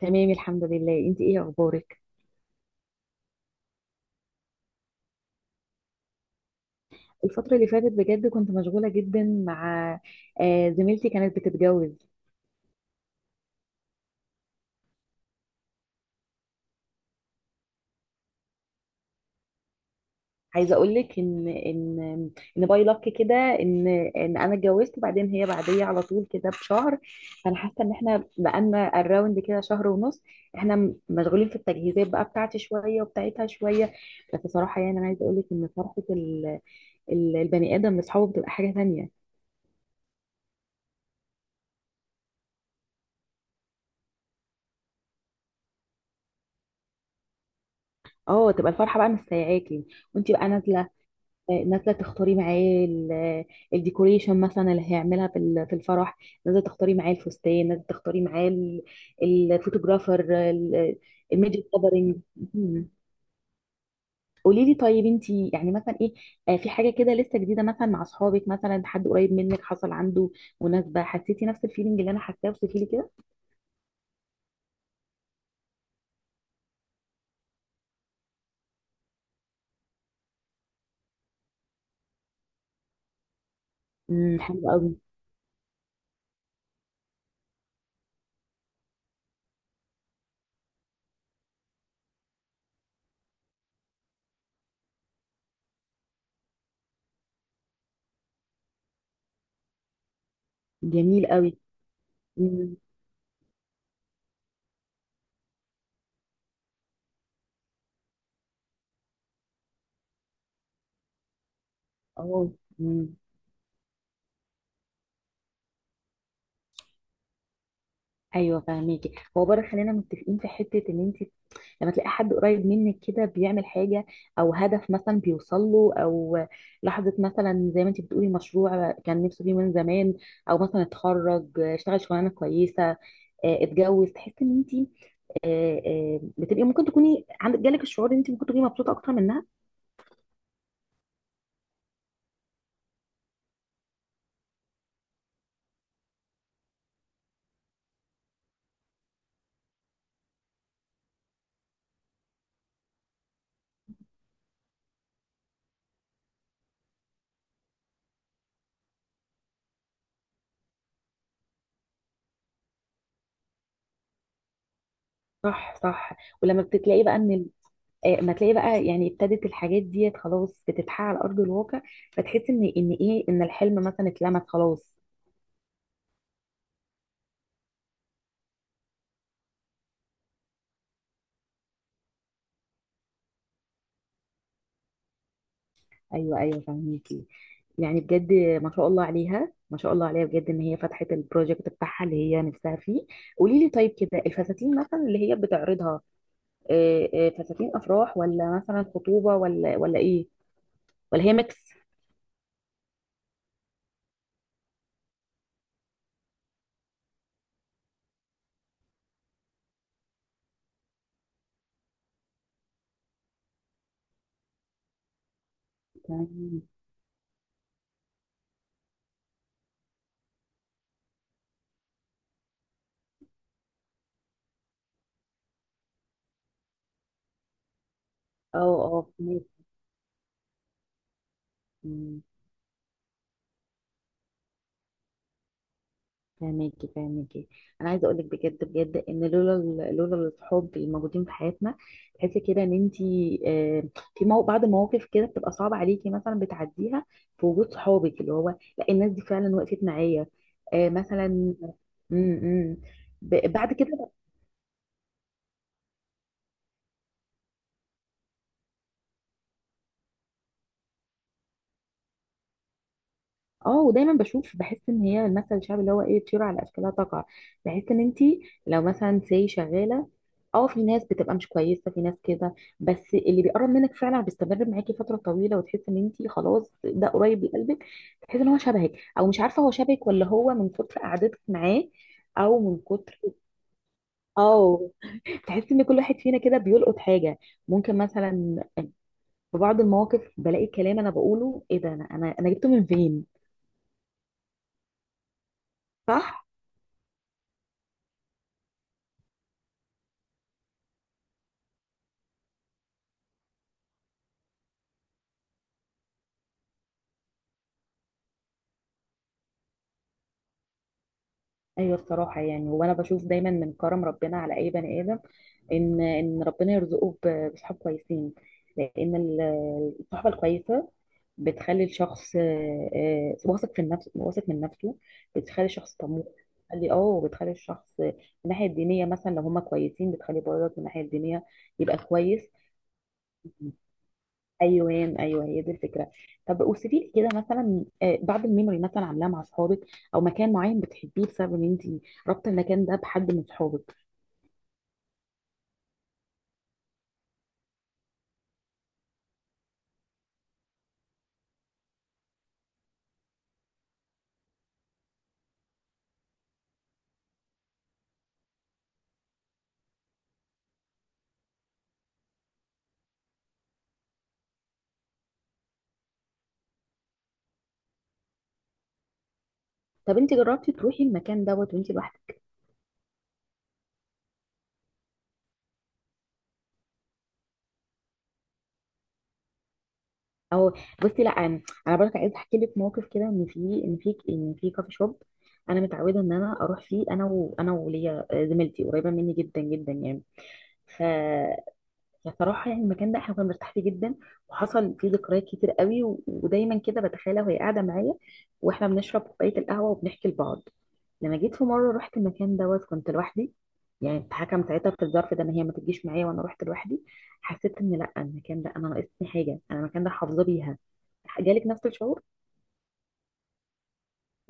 تمام، الحمد لله. انت ايه اخبارك؟ الفترة اللي فاتت بجد كنت مشغولة جدا مع زميلتي كانت بتتجوز. عايزة اقول لك ان ان باي لك كده ان ان انا اتجوزت، وبعدين هي بعدية على طول كده بشهر. فانا حاسة ان احنا بقالنا الراوند كده شهر ونص. احنا مشغولين في التجهيزات بقى بتاعتي شوية وبتاعتها شوية. بس صراحة يعني انا عايزة اقول لك ان فرحة البني ادم لاصحابه بتبقى حاجة تانية. اه، تبقى الفرحة بقى مش سايعاكي، وانت بقى نازله تختاري معاه الديكوريشن مثلا اللي هيعملها في في الفرح، نازله تختاري معاه الفستان، نازله تختاري معاه الفوتوغرافر، ال- الميديا كفرنج. قولي لي طيب، انت يعني مثلا ايه؟ في حاجه كده لسه جديده، مثلا مع اصحابك، مثلا حد قريب منك حصل عنده مناسبه، حسيتي نفس الفيلينج اللي انا حاساه؟ وصفي لي كده. حلو قوي. جميل قوي. امم. اه. امم. ايوه، فاهميكي. هو بره، خلينا متفقين في حته ان انت لما تلاقي حد قريب منك كده بيعمل حاجة، او هدف مثلا بيوصل له، او لحظة مثلا زي ما انت بتقولي مشروع كان نفسه فيه من زمان، او مثلا اتخرج اشتغل شغلانة كويسة، اتجوز، تحس ان انت بتبقي ممكن تكوني عندك جالك الشعور ان انت ممكن تكوني مبسوطه اكتر منها. صح، صح. ولما بتلاقي بقى ان ما تلاقي بقى يعني ابتدت الحاجات ديت خلاص بتتحقق على ارض الواقع، فتحس ان ايه، ان الحلم مثلا اتلمس خلاص. ايوه، ايوه، فهميكي. يعني بجد ما شاء الله عليها، ما شاء الله عليها بجد، ان هي فتحت البروجكت بتاعها اللي هي نفسها فيه. قولي لي طيب، كده الفساتين مثلا اللي هي بتعرضها فساتين افراح، ولا مثلا خطوبه، ولا ايه؟ ولا هي ميكس؟ تمام. اه، اه. فهميكي. فاهماكي، فاهماكي. انا عايزه اقول لك بجد بجد ان لولا الصحاب الموجودين في حياتنا، تحسي كده ان انت آه، في مو بعض المواقف كده بتبقى صعبه عليكي مثلا بتعديها في وجود صحابك، اللي هو: لا، الناس دي فعلا وقفت معايا. مثلا م- م. بعد كده. اه. ودايما بشوف بحس ان هي المثل الشعبي اللي هو ايه: طيور على اشكالها تقع. بحس ان انت لو مثلا سي شغاله، اه، في ناس بتبقى مش كويسه، في ناس كده، بس اللي بيقرب منك فعلا بيستمر معاكي فتره طويله، وتحس ان انت خلاص ده قريب لقلبك، تحس ان هو شبهك، او مش عارفه هو شبهك ولا هو من كتر قعدتك معاه، او من كتر. اه. تحس ان كل واحد فينا كده بيلقط حاجه. ممكن مثلا في بعض المواقف بلاقي كلام انا بقوله، ايه ده، انا أنا جبته من فين؟ صح. ايوه، الصراحه يعني، وانا بشوف دايما من كرم ربنا على اي بني ادم ان ربنا يرزقه بصحاب كويسين، لان الصحبه الكويسه بتخلي الشخص واثق في النفس، واثق من نفسه. بتخلي الشخص طموح. بتخلي الشخص من الناحيه الدينيه مثلا، لو هما كويسين بتخلي برضك من الناحيه الدينيه يبقى كويس. ايوه. ايوه، هي دي الفكره. طب اوصفي لي كده مثلا بعض الميموري مثلا عاملاه مع اصحابك، او مكان معين بتحبيه بسبب ان انت رابطه المكان ده بحد من اصحابك. طب انت جربتي تروحي المكان دوت وانت لوحدك؟ او. بصي، لا، انا برضه عايزه احكي لك موقف كده، ان في كافي شوب انا متعوده ان انا اروح فيه انا، وليا زميلتي قريبه مني جدا جدا، يعني. بصراحة يعني المكان ده احنا كنا مرتاح فيه جدا، وحصل فيه ذكريات كتير قوي، و- ودايما كده بتخيلها وهي قاعدة معايا، واحنا بنشرب كوباية القهوة وبنحكي لبعض. لما جيت في مرة رحت المكان دوت كنت لوحدي، يعني اتحكم ساعتها في الظرف ده ان هي ما تجيش معايا، وانا رحت لوحدي، حسيت ان لا، المكان ده انا ناقصني حاجة، انا المكان ده حافظة بيها. جالك نفس الشعور؟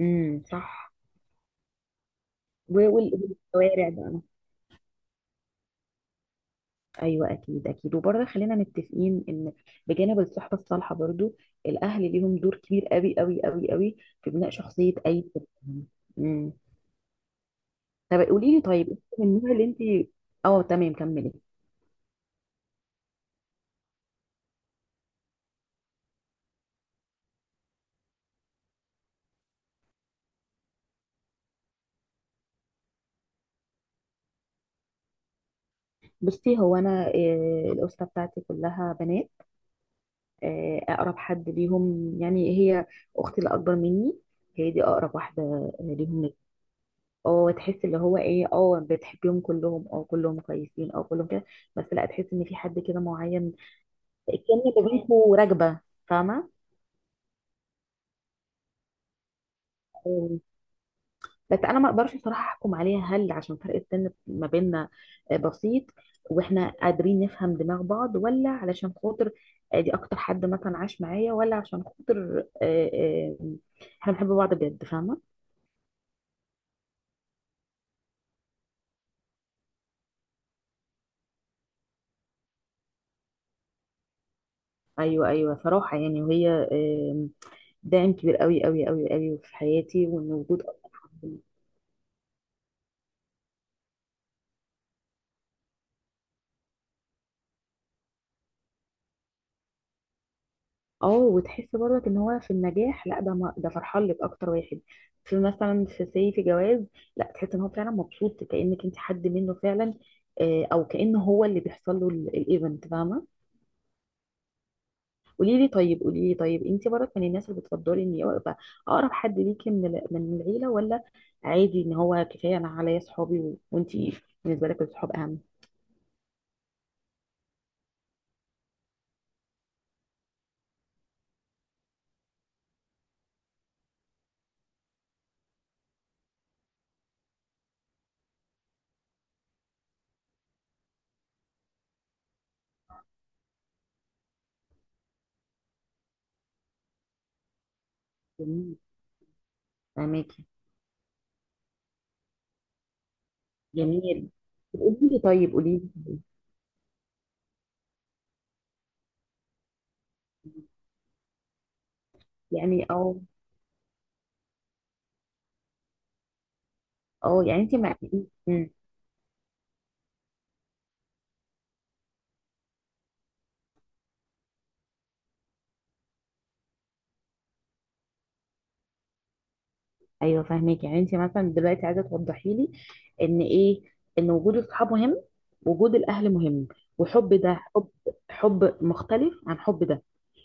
امم، صح. والشوارع بقى. ايوه، اكيد، اكيد. وبرضه خلينا متفقين ان بجانب الصحبه الصالحه برضه، الاهل ليهم دور كبير قوي قوي قوي قوي في بناء شخصيه اي طفل. امم. طب قولي لي طيب، انت من النوع اللي انت. اه، تمام، كملي. بصي هو انا الاسره بتاعتي كلها بنات. اقرب حد ليهم يعني هي اختي الاكبر مني، هي دي اقرب واحده ليهم. اه، تحس اللي هو ايه، اه بتحبيهم كلهم، اه كلهم كويسين، اه كلهم كده، بس لا، تحس ان في حد كده معين كأن لغته راكبه، فاهمه؟ أم، بس انا ما اقدرش صراحه احكم عليها، هل عشان فرق السن ما بيننا بسيط واحنا قادرين نفهم دماغ بعض، ولا علشان خاطر دي اكتر حد مثلا عاش معايا، ولا عشان خاطر احنا بنحب بعض بجد، فاهمه؟ ايوه، ايوه، صراحه يعني، وهي آم، داعم كبير قوي قوي قوي قوي في حياتي، وان وجود. اه، وتحس برضك ان هو في النجاح، لا ده، ما ده فرحان لك اكتر واحد، في مثلا في سي في جواز، لا، تحس ان هو فعلا مبسوط كانك انت حد منه فعلا، او كان هو اللي بيحصل له الايفنت، فاهمه؟ قولي لي طيب انت برضك من الناس اللي بتفضلي ان يبقى اقرب حد ليكي من من العيله، ولا عادي ان هو كفايه انا عليا صحابي؟ و- وانت بالنسبه لك الصحاب اهم؟ جميل. فاهماكي. جميل. قولي لي. يعني اه. اه، يعني انت مع إيه؟ إمم. ايوه، فاهمك. يعني انت مثلا دلوقتي عايزه توضحي لي ان ايه، ان وجود الصحاب مهم، وجود الاهل مهم، وحب ده حب، حب مختلف عن حب ده،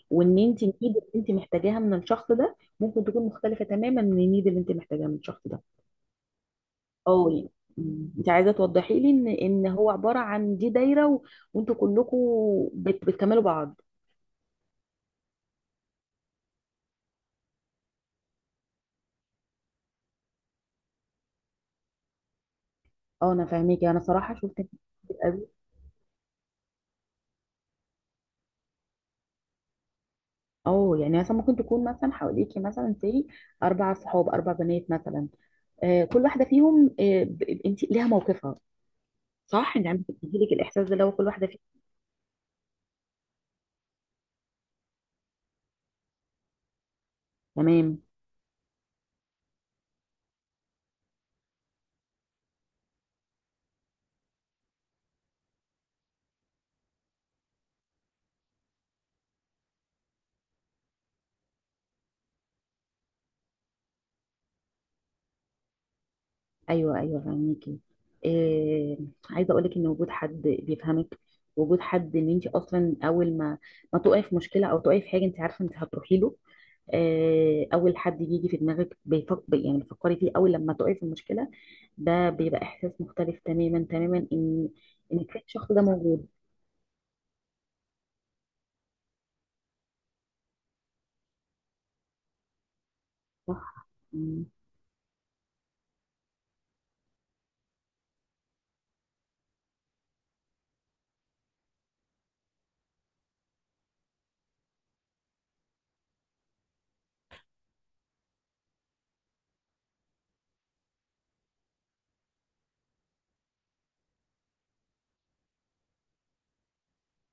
وان انت النيد اللي انت محتاجاها من الشخص ده ممكن تكون مختلفه تماما من النيد اللي انت محتاجاها من الشخص ده. اه، يعني. مم. انت عايزه توضحي لي ان هو عباره عن دي دايره، وانتوا كلكم بتكملوا بعض. اه، انا فاهمك. انا صراحه شفت انت بتقابلي، اه، يعني مثلا ممكن تكون مثلا حواليكي مثلا سي اربع صحاب، اربع بنات مثلا، كل واحده فيهم انت ليها موقفها، صح؟ يعني عم بتديلك الاحساس ده لو كل واحده فيهم. تمام. ايوه، ايوه، فاهميكي. آه، عايزه اقول لك ان وجود حد بيفهمك، وجود حد ان انت اصلا اول ما تقعي في مشكله او تقعي في حاجه انت عارفه انت هتروحي له، اول حد بيجي في دماغك بيفكر، يعني بتفكري فيه اول لما تقعي في المشكله، ده بيبقى احساس مختلف تماما تماما، ان كفايه الشخص ده موجود. صح. مم.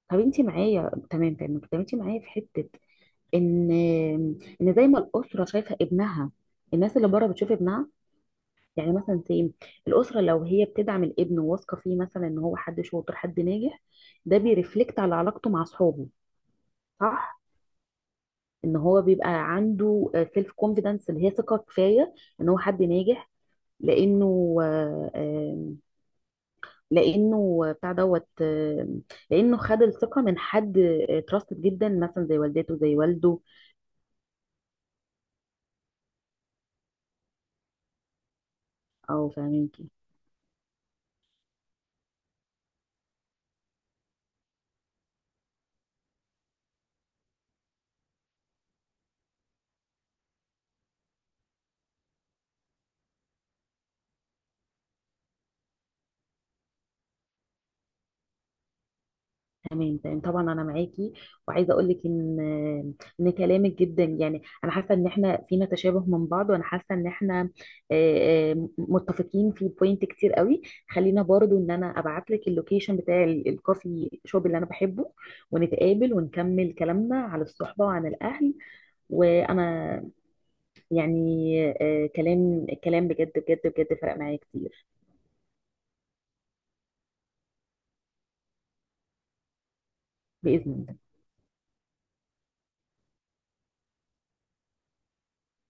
طب انت معايا، تمام، تمام. طب انت معايا في حته ان زي ما الاسره شايفه ابنها، الناس اللي بره بتشوف ابنها، يعني مثلا سي الاسره لو هي بتدعم الابن وواثقه فيه مثلا ان هو حد شاطر حد ناجح، ده بيرفلكت على علاقته مع اصحابه، صح، ان هو بيبقى عنده سيلف كونفيدنس اللي هي ثقه كفايه ان هو حد ناجح، لانه لانه بتاع دوت لانه خد الثقه من حد تراستد جدا مثلا زي والدته زي والده، او فاهمين. تمام، تمام، طبعا انا معاكي. وعايزه اقول لك ان كلامك جدا يعني انا حاسه ان احنا فينا تشابه من بعض، وانا حاسه ان احنا متفقين في بوينت كتير قوي. خلينا برضو ان انا ابعت لك اللوكيشن بتاع الكوفي شوب اللي انا بحبه، ونتقابل ونكمل كلامنا على الصحبه وعن الاهل. وانا يعني كلام كلام بجد بجد بجد فرق معايا كتير. باذن الله.